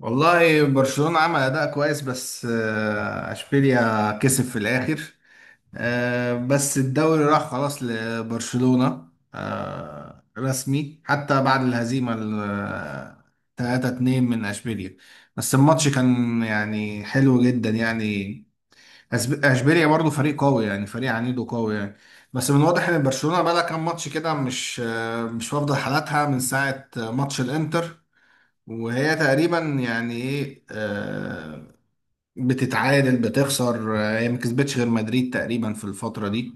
والله برشلونة عمل أداء كويس بس أشبيليا كسب في الآخر. بس الدوري راح خلاص لبرشلونة، رسمي حتى بعد الهزيمة ال 3-2 من أشبيليا. بس الماتش كان يعني حلو جدا يعني. أشبيليا برضو فريق قوي يعني، فريق عنيد وقوي يعني. بس من واضح إن برشلونة بقى لها كام ماتش كده مش مش واخدة حالاتها من ساعة ماتش الإنتر، وهي تقريبا يعني ايه بتتعادل بتخسر. هي ما كسبتش غير مدريد تقريبا في الفترة دي.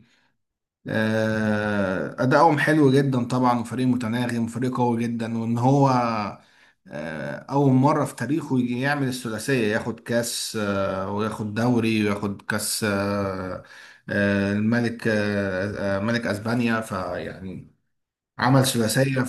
أدائهم حلو جدا طبعا، وفريق متناغم وفريق قوي جدا، وإن هو أول مرة في تاريخه يجي يعمل الثلاثية، ياخد كاس وياخد دوري وياخد كاس الملك، ملك أسبانيا، فيعني عمل ثلاثية.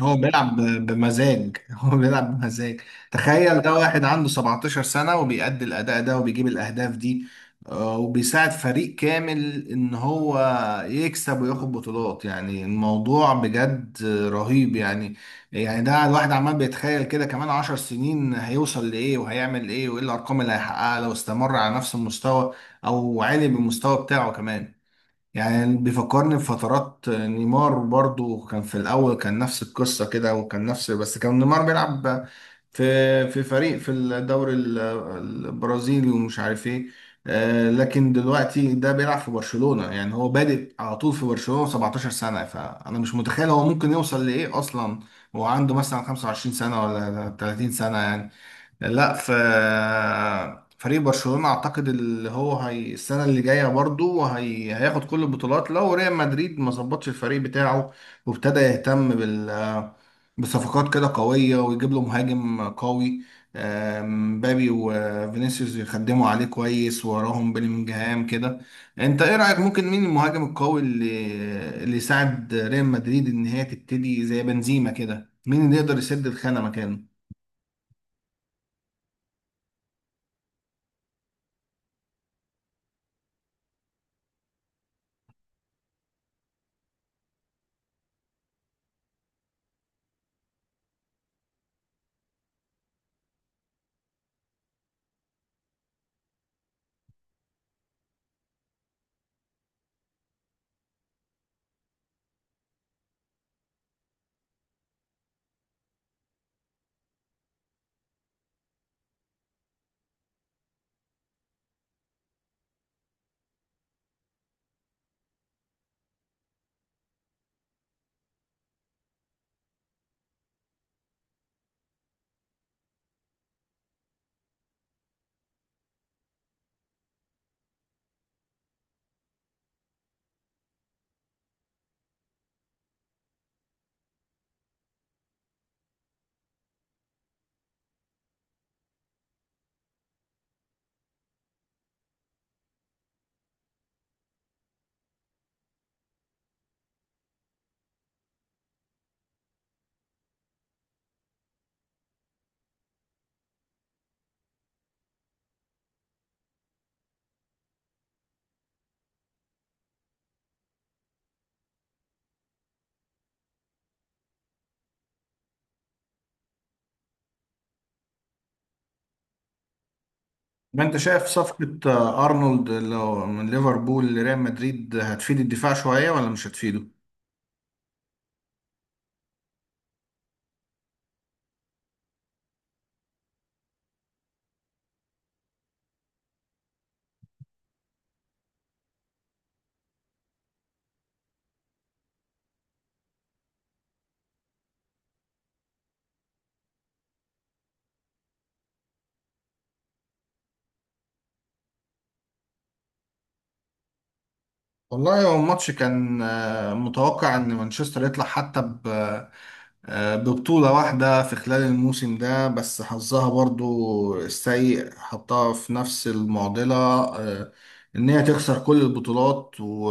هو بيلعب بمزاج هو بيلعب بمزاج. تخيل ده واحد عنده 17 سنة وبيأدي الأداء ده وبيجيب الأهداف دي، وبيساعد فريق كامل إن هو يكسب وياخد بطولات. يعني الموضوع بجد رهيب يعني. يعني ده الواحد عمال بيتخيل كده كمان 10 سنين هيوصل لإيه وهيعمل إيه، وإيه الأرقام اللي هيحققها لو استمر على نفس المستوى أو عالي بالمستوى بتاعه كمان. يعني بيفكرني بفترات نيمار، برضو كان في الأول كان نفس القصة كده وكان نفس، بس كان نيمار بيلعب في فريق في الدوري البرازيلي ومش عارف ايه. لكن دلوقتي ده بيلعب في برشلونة، يعني هو بادئ على طول في برشلونة 17 سنة، فأنا مش متخيل هو ممكن يوصل لإيه أصلا وهو عنده مثلا 25 سنة ولا 30 سنة يعني. لا، في فريق برشلونة اعتقد اللي هو هي السنة اللي جاية برضو هي هياخد كل البطولات لو ريال مدريد ما ظبطش الفريق بتاعه وابتدى يهتم بصفقات كده قوية ويجيب له مهاجم قوي. مبابي وفينيسيوس يخدموا عليه كويس وراهم بلينجهام كده. انت ايه رأيك؟ ممكن مين المهاجم القوي اللي اللي يساعد ريال مدريد ان هي تبتدي زي بنزيما كده؟ مين اللي يقدر يسد الخانة مكانه؟ ما انت شايف صفقة ارنولد لو من ليفربول لريال مدريد هتفيد الدفاع شوية ولا مش هتفيده؟ والله هو الماتش كان متوقع ان مانشستر يطلع حتى ببطولة واحدة في خلال الموسم ده، بس حظها برضو السيء حطها في نفس المعضلة. إن هي تخسر كل البطولات،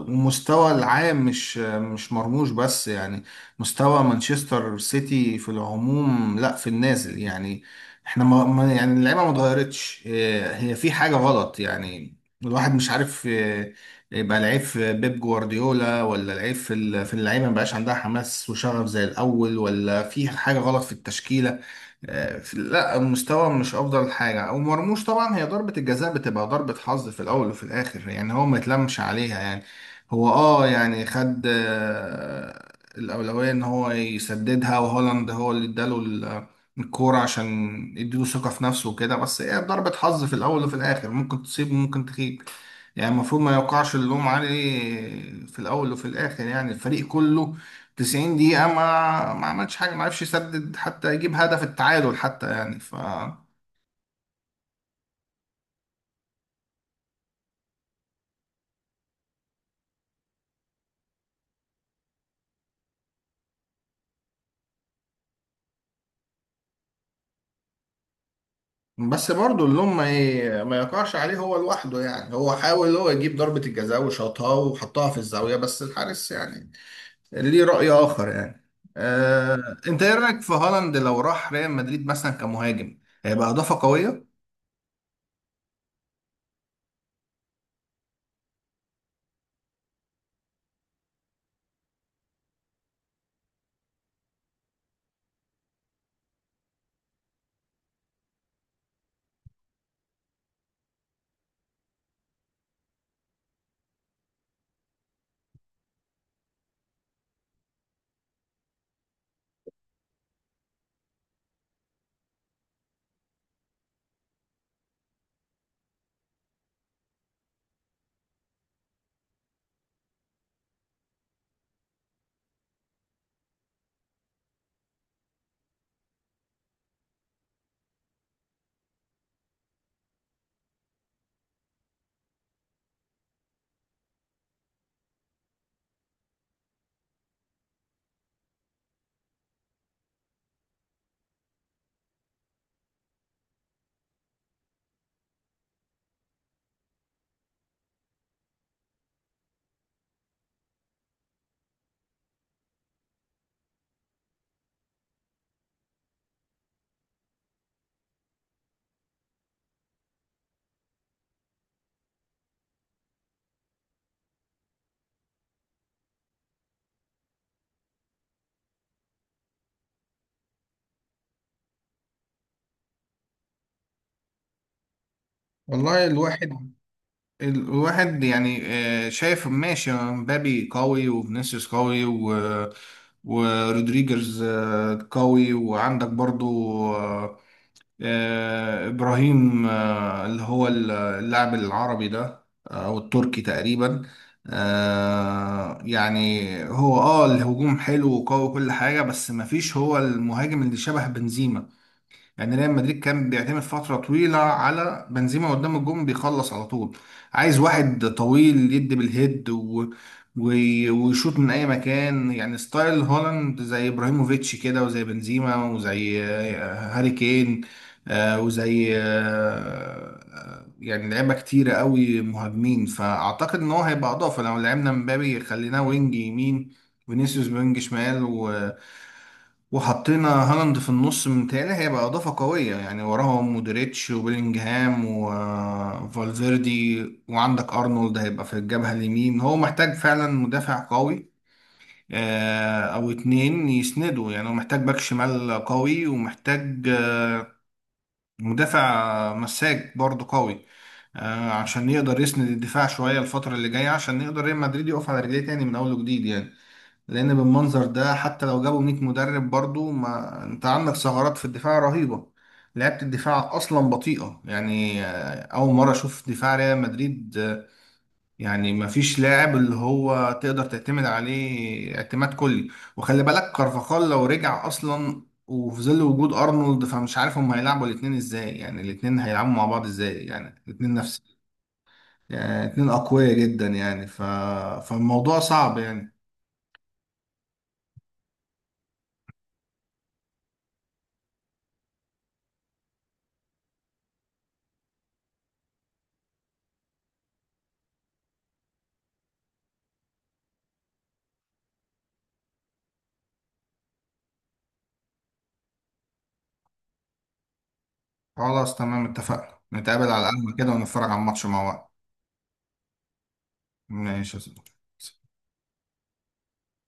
ومستوى العام مش مش مرموش بس يعني، مستوى مانشستر سيتي في العموم لا، في النازل يعني. احنا يعني اللعيبة ما اتغيرتش، هي في حاجة غلط يعني. الواحد مش عارف، يبقى العيب في بيب جوارديولا ولا العيب في في اللعيبه ما بقاش عندها حماس وشغف زي الاول، ولا في حاجه غلط في التشكيله. لا، المستوى مش افضل حاجه. ومرموش طبعا هي ضربه الجزاء بتبقى ضربه حظ في الاول وفي الاخر، يعني هو ما يتلمش عليها يعني. هو اه يعني خد الاولويه ان هو يسددها، وهولاند هو اللي اداله الكوره عشان يديله ثقه في نفسه وكده. بس هي ضربه حظ في الاول وفي الاخر، ممكن تصيب وممكن تخيب. يعني المفروض ما يوقعش اللوم عليه. في الاول وفي الاخر يعني الفريق كله 90 دقيقة ما عملش حاجة، ما عرفش يسدد حتى يجيب هدف التعادل حتى يعني ف. بس برضه اللوم ما يقعش عليه هو لوحده. يعني هو حاول هو يجيب ضربة الجزاء وشاطها وحطها في الزاوية، بس الحارس يعني ليه رأي آخر يعني. انت ايه رأيك في هالاند لو راح ريال مدريد مثلا كمهاجم؟ هيبقى إضافة قوية؟ والله الواحد يعني شايف ماشي، مبابي قوي وفينيسيوس قوي ورودريجرز قوي، وعندك برضو آه، إبراهيم اللي هو اللاعب العربي ده، أو التركي تقريبا. يعني هو اه الهجوم حلو وقوي وكل حاجة، بس مفيش هو المهاجم اللي شبه بنزيما. يعني ريال مدريد كان بيعتمد فترة طويلة على بنزيما قدام الجون بيخلص على طول. عايز واحد طويل يدي بالهيد و... ويشوط من أي مكان، يعني ستايل هولاند زي إبراهيموفيتش كده وزي بنزيما وزي هاري كين، آه، وزي آه، آه، يعني لعيبة كتيرة قوي مهاجمين. فأعتقد إن هو هيبقى إضافة لو لعبنا مبابي خليناه وينج يمين، فينيسيوس وينج شمال، وحطينا هالاند في النص، متهيألي هيبقى إضافة قوية يعني. وراهم مودريتش وبيلينجهام وفالفيردي وعندك أرنولد هيبقى في الجبهة اليمين. هو محتاج فعلا مدافع قوي، أو اتنين يسندوا. يعني هو محتاج باك شمال قوي، ومحتاج مدافع مساك برضه قوي، عشان يقدر يسند الدفاع شوية الفترة اللي جاية، عشان يقدر ريال مدريد يقف على رجليه تاني من أول وجديد يعني. لان بالمنظر ده حتى لو جابوا 100 مدرب، برضو ما انت عندك ثغرات في الدفاع رهيبه. لعبة الدفاع اصلا بطيئه يعني، اول مره اشوف دفاع ريال مدريد، يعني ما فيش لاعب اللي هو تقدر تعتمد عليه اعتماد كلي. وخلي بالك كارفاخال لو رجع اصلا، وفي ظل وجود ارنولد فمش عارف هم هيلعبوا الاثنين ازاي. يعني الاثنين هيلعبوا مع بعض ازاي يعني الاثنين نفس، يعني الاثنين اقوياء جدا يعني فالموضوع صعب يعني. خلاص تمام، اتفقنا نتقابل على القهوة كده ونتفرج على الماتش مع بعض. ماشي يا صديقي.